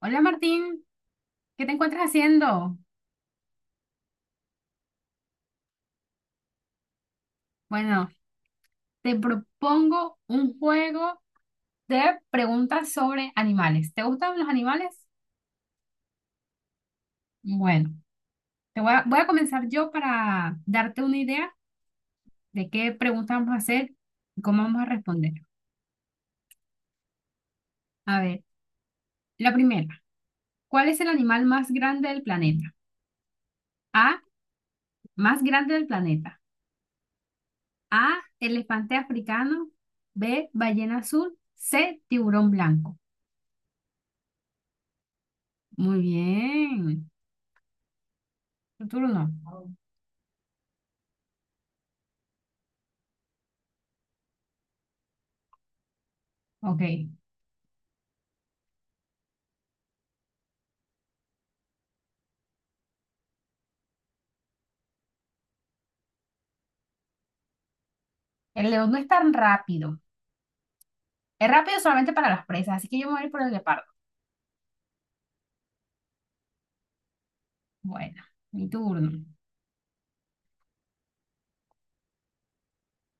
Hola Martín, ¿qué te encuentras haciendo? Bueno, te propongo un juego de preguntas sobre animales. ¿Te gustan los animales? Bueno, voy a comenzar yo para darte una idea de qué preguntas vamos a hacer y cómo vamos a responder. A ver, la primera, ¿cuál es el animal más grande del planeta? A, más grande del planeta. A, elefante africano. B, ballena azul. C, tiburón blanco. Muy bien, tu turno. Ok. El león no es tan rápido. Es rápido solamente para las presas, así que yo me voy a ir por el leopardo. Bueno, mi turno.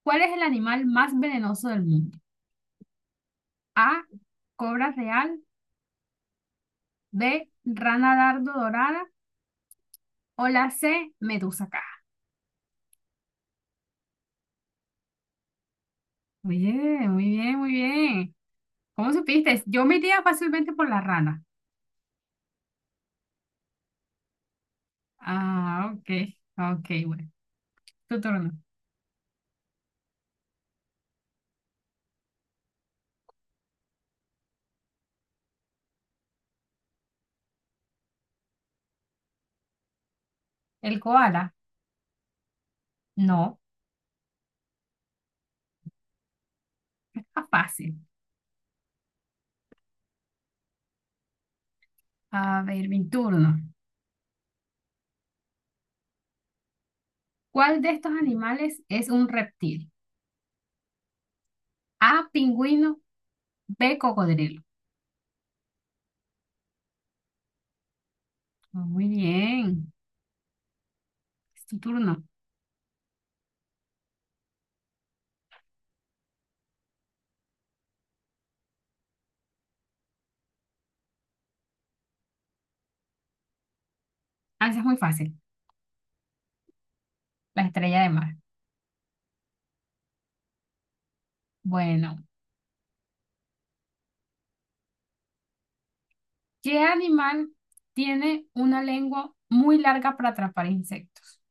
¿Cuál es el animal más venenoso del mundo? A, cobra real, B, rana dardo dorada o la C, medusa caja. Muy bien, muy bien, muy bien. ¿Cómo supiste? Yo me iría fácilmente por la rana. Ah, ok, ok, bueno. Tu turno. ¿El koala? No, está fácil. A ver, mi turno. ¿Cuál de estos animales es un reptil? A, pingüino, B, cocodrilo. Ah, muy bien, es tu turno. Ah, esa es muy fácil, la estrella de mar. Bueno, ¿qué animal tiene una lengua muy larga para atrapar insectos?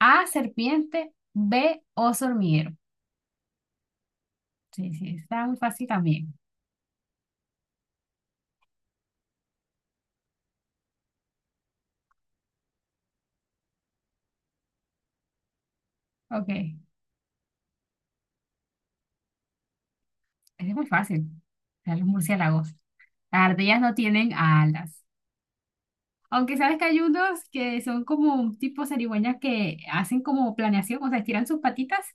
A, serpiente, B, oso hormiguero. Sí, sí, está muy fácil también. Ok, ese es muy fácil. O sea, los murciélagos. Las ardillas no tienen alas. Aunque sabes que hay unos que son como un tipo zarigüeñas que hacen como planeación, o sea, estiran sus patitas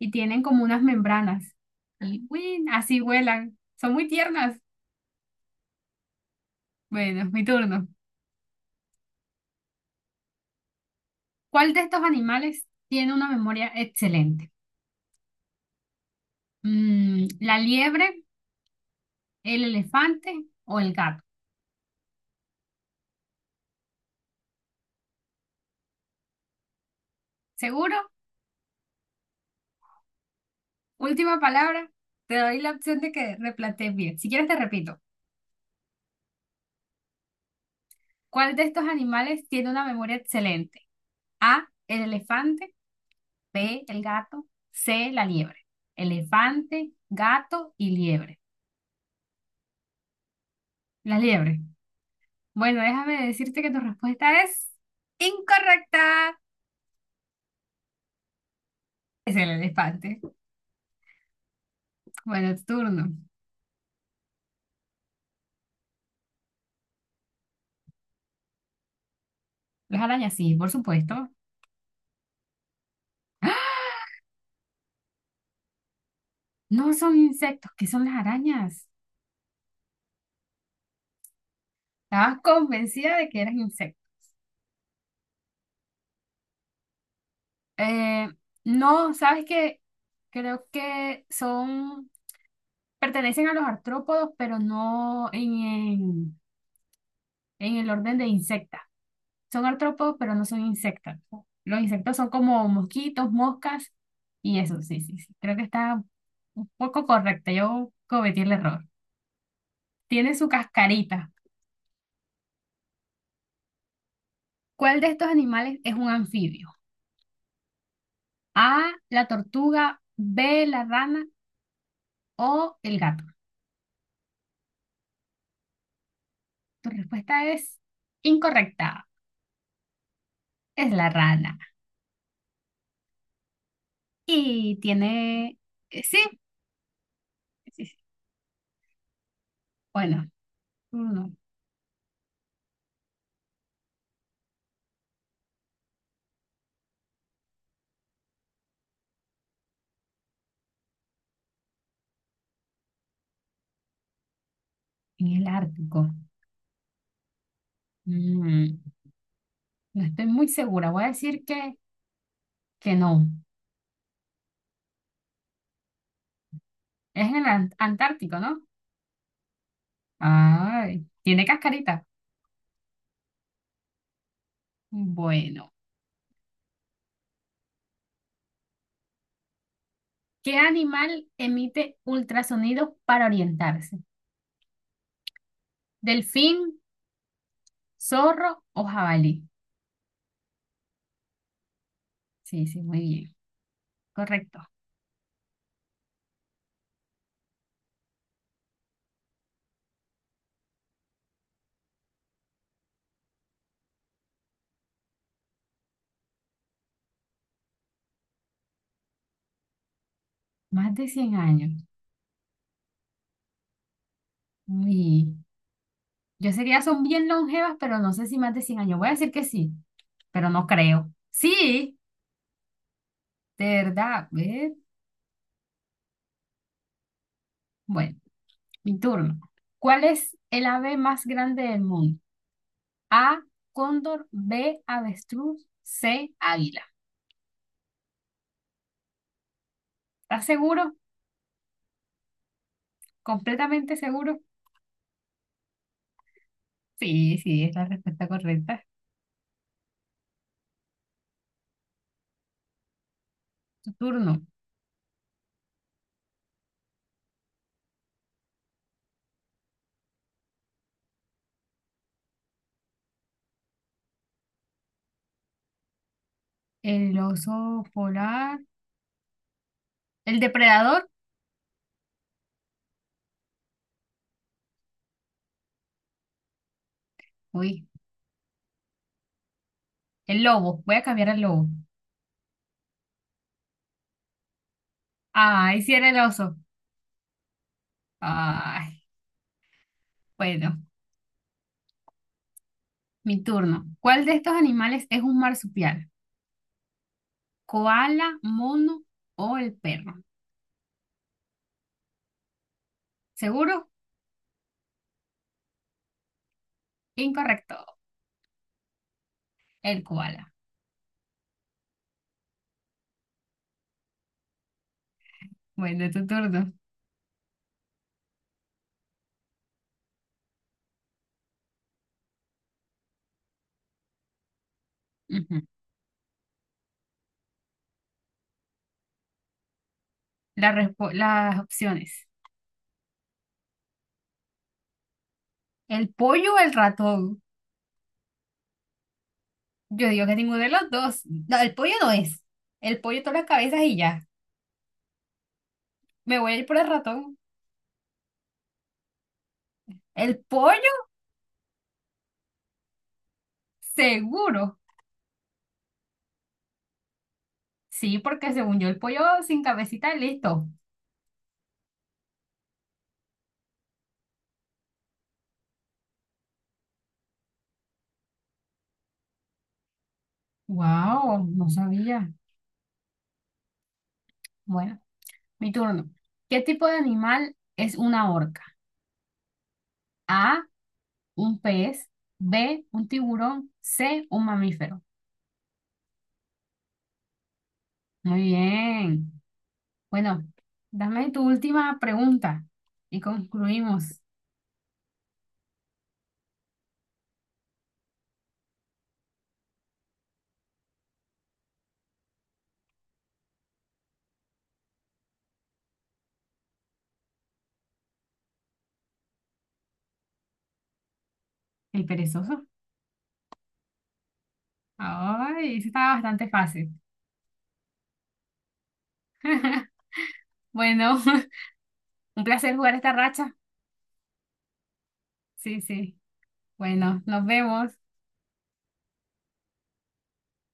y tienen como unas membranas. Y ¡uin! Así vuelan. Son muy tiernas. Bueno, es mi turno. ¿Cuál de estos animales tiene una memoria excelente? ¿La liebre, el elefante o el gato? ¿Seguro? Última palabra. Te doy la opción de que replantees bien. Si quieres, te repito. ¿Cuál de estos animales tiene una memoria excelente? A, el elefante. B, el gato, C, la liebre. Elefante, gato y liebre. La liebre. Bueno, déjame decirte que tu respuesta es incorrecta. Es el elefante. Bueno, tu turno. Las arañas, sí, por supuesto. ¡Ah! No son insectos, ¿qué son las arañas? Estabas convencida de que eran insectos. Eh, no, sabes que creo que son, pertenecen a los artrópodos, pero no en el orden de insectas. Son artrópodos, pero no son insectos. Los insectos son como mosquitos, moscas y eso, sí, sí, sí. Creo que está un poco correcta. Yo cometí el error. Tiene su cascarita. ¿Cuál de estos animales es un anfibio? A, la tortuga, B, la rana o el gato. Tu respuesta es incorrecta. Es la rana. Y tiene... sí, sí, sí. Bueno, uno en el Ártico. Mm, no estoy muy segura. Voy a decir que no. Es en el Antártico, ¿no? Ay, tiene cascarita. Bueno, ¿qué animal emite ultrasonidos para orientarse? ¿Delfín, zorro o jabalí? Sí, sí, muy bien. Correcto. Más de 100 años. Uy, yo sé que ya son bien longevas, pero no sé si más de 100 años. Voy a decir que sí, pero no creo. Sí, de verdad. ¿Ves? Bueno, mi turno. ¿Cuál es el ave más grande del mundo? A, cóndor, B, avestruz, C, águila. ¿Estás seguro? ¿Completamente seguro? Sí, sí, es la respuesta correcta. Tu turno. El oso polar. ¿El depredador? Uy, el lobo. Voy a cambiar al lobo. Ay, sí era el oso. Ay, bueno, mi turno. ¿Cuál de estos animales es un marsupial? ¿Koala, mono o el perro? ¿Seguro? Incorrecto. El koala. Bueno, tu turno. Ujú. Las opciones. ¿El pollo o el ratón? Yo digo que ninguno de los dos. No, el pollo no es. El pollo todas las cabezas y ya. Me voy a ir por el ratón. ¿El pollo? Seguro. Sí, porque según yo, el pollo sin cabecita, listo. Wow, no sabía. Bueno, mi turno. ¿Qué tipo de animal es una orca? A, un pez. B, un tiburón. C, un mamífero. Muy bien. Bueno, dame tu última pregunta y concluimos. El perezoso. Ay, eso estaba bastante fácil. Bueno, un placer jugar esta racha. Sí, sí. Bueno, nos vemos.